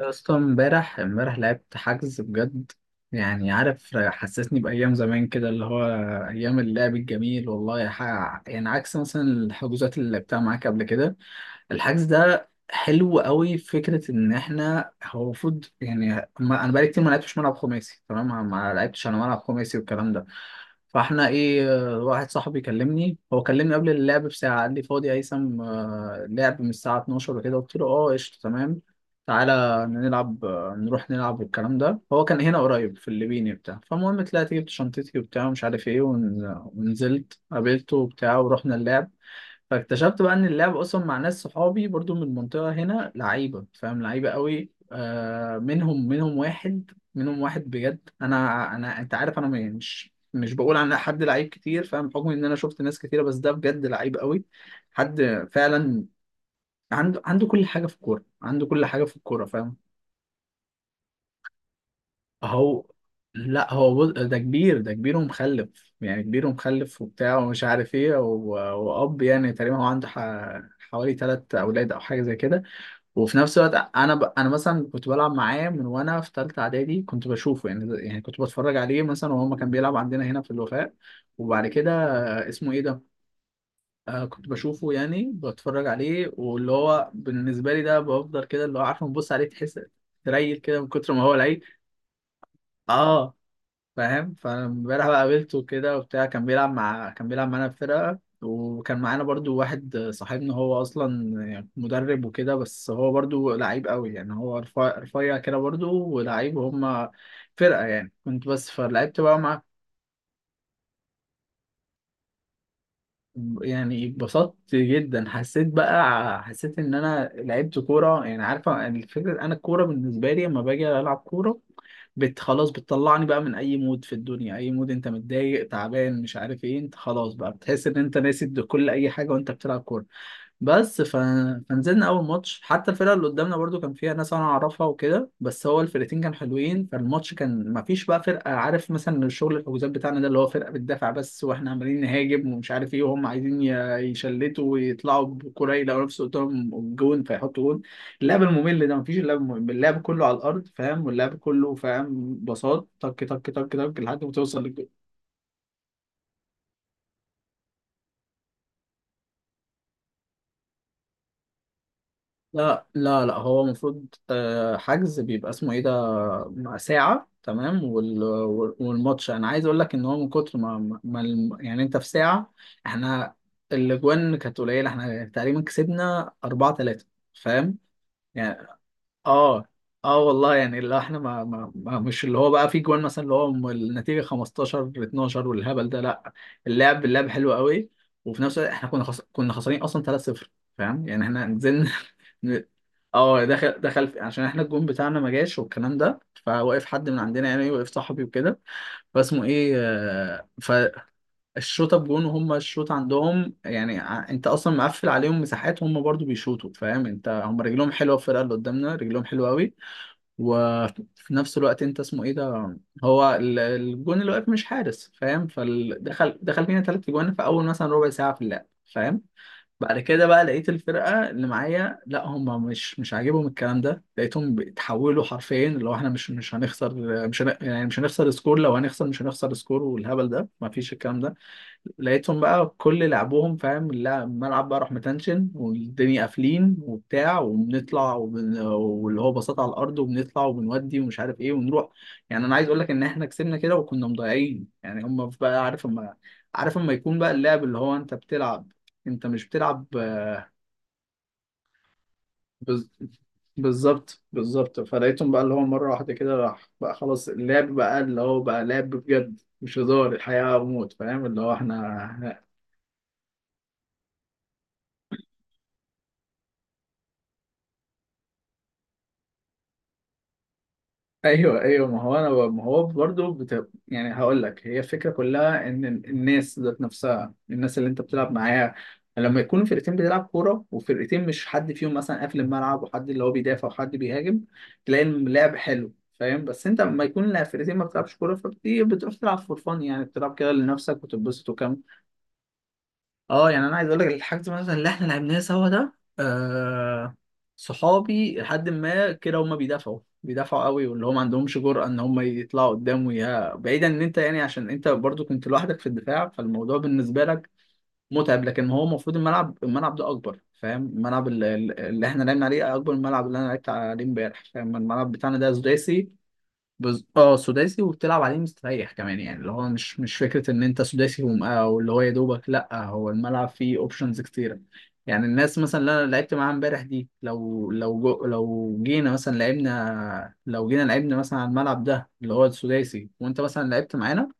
يا اسطى امبارح لعبت حجز بجد. يعني عارف حسسني بأيام زمان كده اللي هو أيام اللعب الجميل والله حاجة، يعني عكس مثلا الحجوزات اللي لعبتها معاك قبل كده. الحجز ده حلو قوي، فكرة إن إحنا هو المفروض، يعني ما أنا بقالي كتير ما لعبتش ملعب خماسي، تمام، ما لعبتش أنا ملعب خماسي والكلام ده. فاحنا ايه؟ واحد صاحبي كلمني، هو كلمني قبل اللعب بساعة، قال لي فاضي يا هيثم، لعب من الساعة 12 وكده، قلت له اه قشطة تمام. تعالى نلعب، نروح نلعب والكلام ده. هو كان هنا قريب في الليبيني بتاع. فالمهم طلعت جبت شنطتي وبتاع ومش عارف ايه ونزلت قابلته وبتاع ورحنا اللعب. فاكتشفت بقى ان اللعب اصلا مع ناس صحابي برضو من المنطقة هنا لعيبة، فاهم، لعيبة قوي. آه، منهم واحد بجد. انا انت عارف، انا مش بقول عن حد لعيب كتير، فاهم، بحكم ان انا شفت ناس كتيرة، بس ده بجد لعيب قوي. حد فعلا عنده كل حاجة في الكورة، عنده كل حاجة في الكورة، فاهم. هو لا بص، ده كبير، ده كبير ومخلف، يعني كبير ومخلف وبتاع ومش عارف ايه و يعني تقريبا هو عنده حوالي ثلاث اولاد او حاجه زي كده. وفي نفس الوقت انا انا مثلا كنت بلعب معاه من وانا في ثالثه اعدادي، كنت بشوفه، يعني كنت بتفرج عليه مثلا، وهو ما كان بيلعب عندنا هنا في الوفاء. وبعد كده اسمه ايه ده، آه، كنت بشوفه، يعني بتفرج عليه، واللي هو بالنسبه لي ده بفضل كده اللي هو عارفه بنبص عليه تحس تريل كده من كتر ما هو لعيب. اه فاهم. فامبارح بقى قابلته كده وبتاع، كان بيلعب مع كان بيلعب معانا في فرقة، وكان معانا برضو واحد صاحبنا هو اصلا يعني مدرب وكده، بس هو برضو لعيب قوي، يعني هو رفيع رفيع كده برضو ولعيب، وهم فرقة يعني، كنت بس. فلعبت بقى معاه. يعني اتبسطت جدا، حسيت بقى، حسيت ان انا لعبت كوره. يعني عارفه الفكره، انا الكوره بالنسبه لي لما باجي العب كوره بت خلاص، بتطلعني بقى من اي مود في الدنيا، اي مود انت متضايق تعبان مش عارف ايه، انت خلاص بقى بتحس ان انت ناسي كل اي حاجه وانت بتلعب كوره. بس فنزلنا اول ماتش، حتى الفرقه اللي قدامنا برضو كان فيها ناس انا اعرفها وكده، بس هو الفرقتين كانوا حلوين. فالماتش كان ما فيش بقى فرقه، عارف مثلا الشغل الحجوزات بتاعنا ده اللي هو فرقه بتدافع بس واحنا عمالين نهاجم ومش عارف ايه، وهم عايزين يشلتوا ويطلعوا بكره يلاقوا نفسه قدام الجون فيحطوا جون. اللعب الممل ده ما فيش، اللعب الممل، اللعب كله على الارض، فاهم، واللعب كله، فاهم، بساط، طك طك طك طك لحد ما توصل. لا هو المفروض، حجز بيبقى اسمه ايه ده ساعة تمام، والماتش، انا عايز اقول لك ان هو من كتر ما يعني انت في ساعة احنا الاجوان كانت قليلة، احنا تقريبا كسبنا 4 3 فاهم. يعني، اه اه والله يعني اللي احنا ما مش اللي هو بقى في جوان مثلا اللي هو النتيجه 15 12 والهبل ده، لا، اللعب اللعب حلو قوي. وفي نفس الوقت احنا كنا كنا خسرانين اصلا 3-0 فاهم، يعني احنا نزلنا ن- اه، دخل عشان احنا الجون بتاعنا ما جاش والكلام ده، فوقف حد من عندنا، يعني وقف صاحبي وكده. فاسمه ايه، الشوطه بجون، وهم الشوط عندهم يعني انت اصلا مقفل عليهم مساحات، هم برضو بيشوطوا فاهم، انت هم رجلهم حلوه، الفرقه اللي قدامنا رجلهم حلوه قوي. وفي نفس الوقت انت اسمه ايه ده، هو الجون اللي واقف مش حارس، فاهم، فدخل فينا ثلاث جوان في اول مثلا ربع ساعه في اللعب، فاهم. بعد كده بقى لقيت الفرقه اللي معايا لا، هم مش عاجبهم الكلام ده، لقيتهم بيتحولوا حرفيا اللي هو احنا مش هنخسر، مش هن... يعني مش هنخسر سكور، لو هنخسر مش هنخسر سكور، والهبل ده مفيش الكلام ده. لقيتهم بقى كل لعبهم فاهم الملعب بقى راح متنشن والدنيا قافلين وبتاع وبنطلع واللي هو بساط على الارض وبنطلع وبنودي ومش عارف ايه ونروح. يعني انا عايز اقول لك ان احنا كسبنا كده وكنا مضيعين، يعني هم بقى عارف اما عارف اما يكون بقى اللعب اللي هو انت بتلعب، انت مش بتلعب. بز... بالظبط بالظبط. فلقيتهم بقى اللي هو مرة واحدة كده راح بقى خلاص، اللعب بقى اللي هو بقى لعب بجد، مش هزار، الحياة وموت، فاهم، اللي هو احنا. ايوه ايوه، ما هو انا ما هو برضه يعني هقول لك هي الفكره كلها، ان الناس ذات نفسها، الناس اللي انت بتلعب معاها لما يكون فرقتين بتلعب كوره، وفرقتين مش حد فيهم مثلا قافل الملعب وحد اللي هو بيدافع وحد بيهاجم، تلاقي اللعب حلو فاهم. بس انت لما يكون لا فرقتين ما بتلعبش كوره، فبتيجي بتروح تلعب فور فن، يعني بتلعب كده لنفسك وتتبسط. اه يعني انا عايز اقول لك الحاجات مثلا اللي احنا لعبناها سوا ده، صحابي لحد ما كده هم بيدافعوا قوي واللي هم ما عندهمش جرأة ان هم يطلعوا قدام، ويا بعيدا ان انت يعني عشان انت برضو كنت لوحدك في الدفاع، فالموضوع بالنسبة لك متعب. لكن هو المفروض الملعب الملعب ده اكبر، فاهم، الملعب اللي احنا لعبنا عليه اكبر من الملعب اللي انا لعبت عليه امبارح، فاهم، الملعب بتاعنا ده سداسي. بز... اه سداسي وبتلعب عليه مستريح كمان، يعني اللي هو مش فكره ان انت سداسي او اللي هو يا دوبك، لا، هو الملعب فيه اوبشنز كتيره. يعني الناس مثلا اللي انا لعبت معاها امبارح دي لو لو جينا مثلا لعبنا، لو جينا لعبنا مثلا على الملعب ده اللي هو السداسي وانت مثلا لعبت معانا،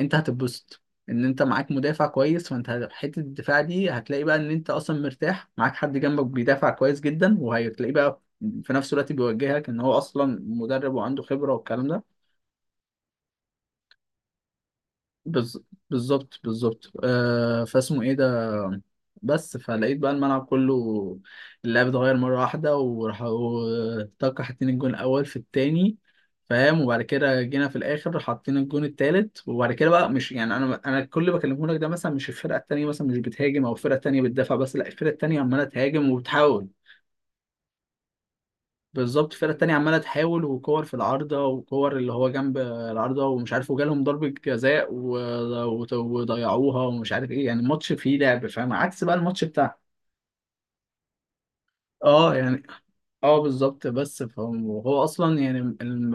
انت هتتبسط، ان انت معاك مدافع كويس، فانت حته الدفاع دي هتلاقي بقى ان انت اصلا مرتاح، معاك حد جنبك بيدافع كويس جدا، وهتلاقيه بقى في نفس الوقت بيوجهك ان هو اصلا مدرب وعنده خبره والكلام ده. بالظ- بالظبط بالظبط، فاسمه ايه ده. بس فلقيت بقى الملعب كله، اللعب اتغير مرة واحدة وراح طاقة، حاطين الجون الأول في التاني، فاهم، وبعد كده جينا في الآخر حاطين الجون التالت. وبعد كده بقى مش يعني أنا كل اللي بكلمه لك ده مثلا مش الفرقة التانية مثلا مش بتهاجم أو الفرقة التانية بتدافع بس، لا، الفرقة التانية عمالة تهاجم وبتحاول. بالظبط، الفرقة التانية عمالة تحاول، وكور في العارضة وكور اللي هو جنب العارضة ومش عارف، وجالهم ضربة جزاء و وضيعوها ومش عارف ايه، يعني الماتش فيه لعب، فاهم، عكس بقى الماتش بتاع. اه يعني اه بالظبط. بس فهم وهو اصلا يعني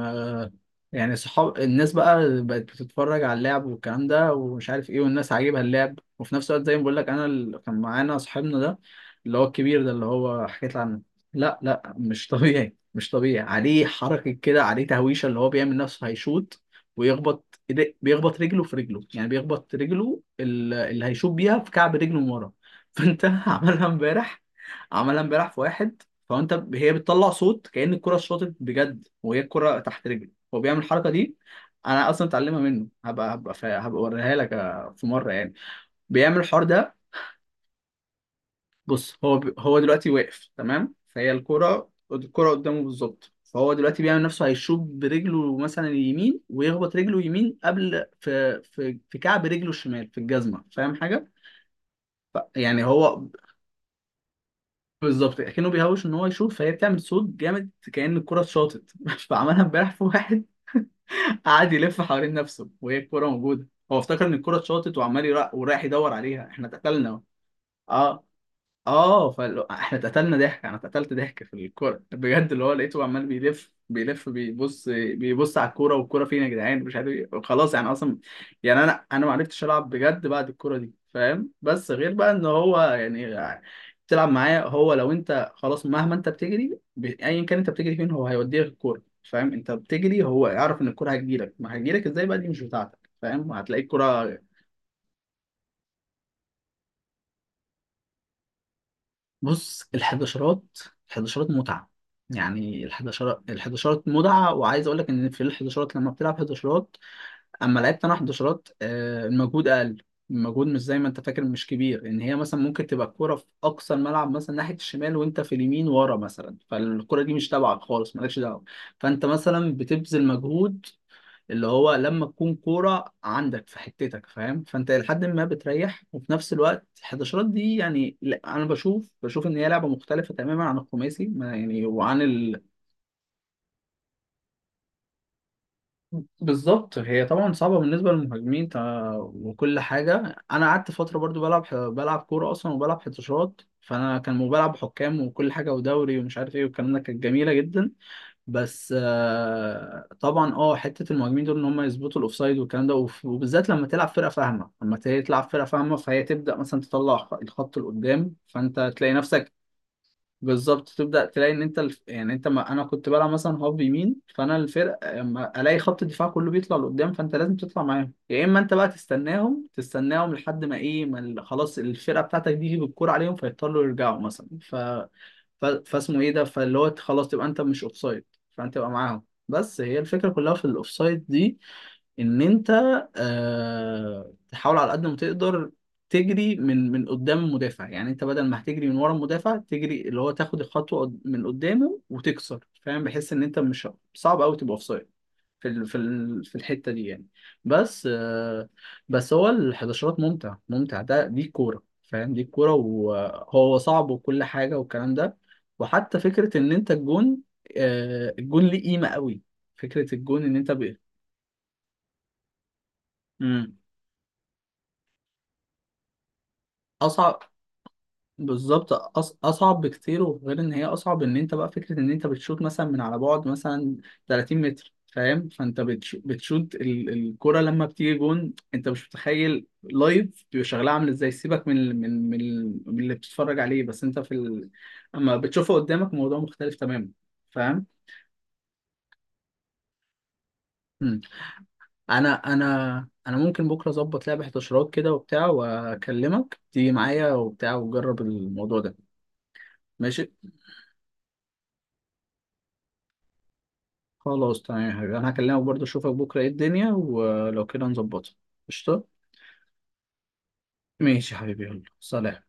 يعني صحاب الناس بقى بقت بتتفرج على اللعب والكلام ده ومش عارف ايه، والناس عاجبها اللعب، وفي نفس الوقت زي ما بقول لك انا اللي كان معانا صاحبنا ده اللي هو الكبير ده اللي هو حكيت عنه. لا مش طبيعي، مش طبيعي، عليه حركة كده، عليه تهويشة اللي هو بيعمل نفسه هيشوط، بيخبط رجله في رجله، يعني بيخبط رجله اللي هيشوط بيها في كعب رجله من ورا. فانت عملها امبارح، عملها امبارح في واحد. فانت هي بتطلع صوت كأن الكرة اتشاطت بجد، وهي الكرة تحت رجلي هو بيعمل الحركة دي. انا اصلا اتعلمها منه، هبقى اوريها لك في مرة يعني بيعمل الحوار ده. بص هو هو دلوقتي واقف تمام، فهي الكرة، الكرة قدامه بالظبط، فهو دلوقتي بيعمل نفسه هيشوط برجله مثلا اليمين، ويخبط رجله يمين قبل في كعب رجله الشمال في الجزمة، فاهم حاجة؟ يعني هو، بالظبط، كأنه بيهوش ان هو يشوط، فهي بتعمل صوت جامد كأن الكرة اتشاطت. فعملها امبارح في واحد، قعد يلف حوالين نفسه وهي الكوره موجوده، هو افتكر ان الكوره اتشاطت وعمال ورايح يدور عليها، احنا اتقتلنا. اه اه فاحنا اتقتلنا ضحك، انا اتقتلت ضحك في الكوره بجد، اللي هو لقيته عمال بيلف بيبص على الكوره، والكوره فين يا جدعان مش عارف ايه، خلاص يعني اصلا، يعني انا ما عرفتش العب بجد بعد الكوره دي، فاهم. بس غير بقى ان هو يعني تلعب معاه، هو لو انت خلاص مهما انت بتجري ايا كان انت بتجري فين هو هيوديك الكوره، فاهم، انت بتجري هو يعرف ان الكوره هتجيلك، ما هتجيلك ازاي بقى دي مش بتاعتك، فاهم، هتلاقي الكوره. بص الحداشرات، الحداشرات متعة يعني الحداشرات الحداشرات متعة، وعايز أقول لك إن في الحداشرات لما بتلعب حداشرات، أما لعبت أنا حداشرات، المجهود أقل. المجهود مش زي ما أنت فاكر، مش كبير، إن هي مثلا ممكن تبقى الكورة في أقصى الملعب مثلا ناحية الشمال وأنت في اليمين ورا مثلا، فالكورة دي مش تبعك خالص مالكش دعوة، فأنت مثلا بتبذل مجهود اللي هو لما تكون كورة عندك في حتتك، فاهم، فانت لحد ما بتريح. وفي نفس الوقت الحداشرات دي يعني لا، انا بشوف ان هي لعبة مختلفة تماما عن الخماسي ما يعني بالظبط هي طبعا صعبة بالنسبة للمهاجمين، وكل حاجة. انا قعدت فترة برضو بلعب بلعب كورة اصلا وبلعب حداشرات، فانا كان بلعب حكام وكل حاجة ودوري ومش عارف ايه والكلام ده، كانت جميلة جدا. بس طبعا اه حته المهاجمين دول ان هم يظبطوا الاوفسايد والكلام ده، وبالذات لما تلعب فرقه فاهمه، لما تلعب فرقه فاهمه، فهي تبدا مثلا تطلع الخط لقدام، فانت تلاقي نفسك بالظبط تبدا تلاقي ان انت يعني انت ما... انا كنت بلعب مثلا هاف يمين، فانا الفرق لما الاقي خط الدفاع كله بيطلع لقدام فانت لازم تطلع معاهم، يا اما انت بقى تستناهم، تستناهم لحد ما ايه ما خلاص الفرقه بتاعتك دي بالكوره عليهم فيضطروا يرجعوا مثلا. فاسمه ايه ده، فاللي هو خلاص تبقى انت مش اوفسايد، فانت تبقى معاهم. بس هي الفكره كلها في الاوفسايد دي ان انت، آه، تحاول على قد ما تقدر تجري من قدام المدافع، يعني انت بدل ما هتجري من ورا المدافع تجري اللي هو تاخد الخطوه من قدامه وتكسر، فاهم، بحيث ان انت مش صعب قوي تبقى اوفسايد في في الحته دي يعني. بس بس هو الحداشرات ممتع، ده دي كوره فاهم، دي كوره وهو صعب وكل حاجه والكلام ده. وحتى فكره ان انت الجون، الجون ليه قيمه قوي، فكره الجون ان انت مم. اصعب. بالظبط، اصعب بكتير. وغير ان هي اصعب ان انت بقى فكره ان انت بتشوط مثلا من على بعد مثلا 30 متر، فاهم، فانت بتشوط الكره لما بتيجي جون، انت مش متخيل لايف بيبقى شغلها عامل ازاي، سيبك من اللي بتتفرج عليه، بس انت في اما بتشوفه قدامك الموضوع مختلف تماما، فاهم. مم. انا ممكن بكره اظبط لعبه 11 كده وبتاع، واكلمك تيجي معايا وبتاع وجرب الموضوع ده. ماشي، خلاص تمام يا حبيبي، انا هكلمك برضه اشوفك بكره ايه الدنيا ولو كده نظبطها. قشطه. ماشي يا حبيبي يلا سلام.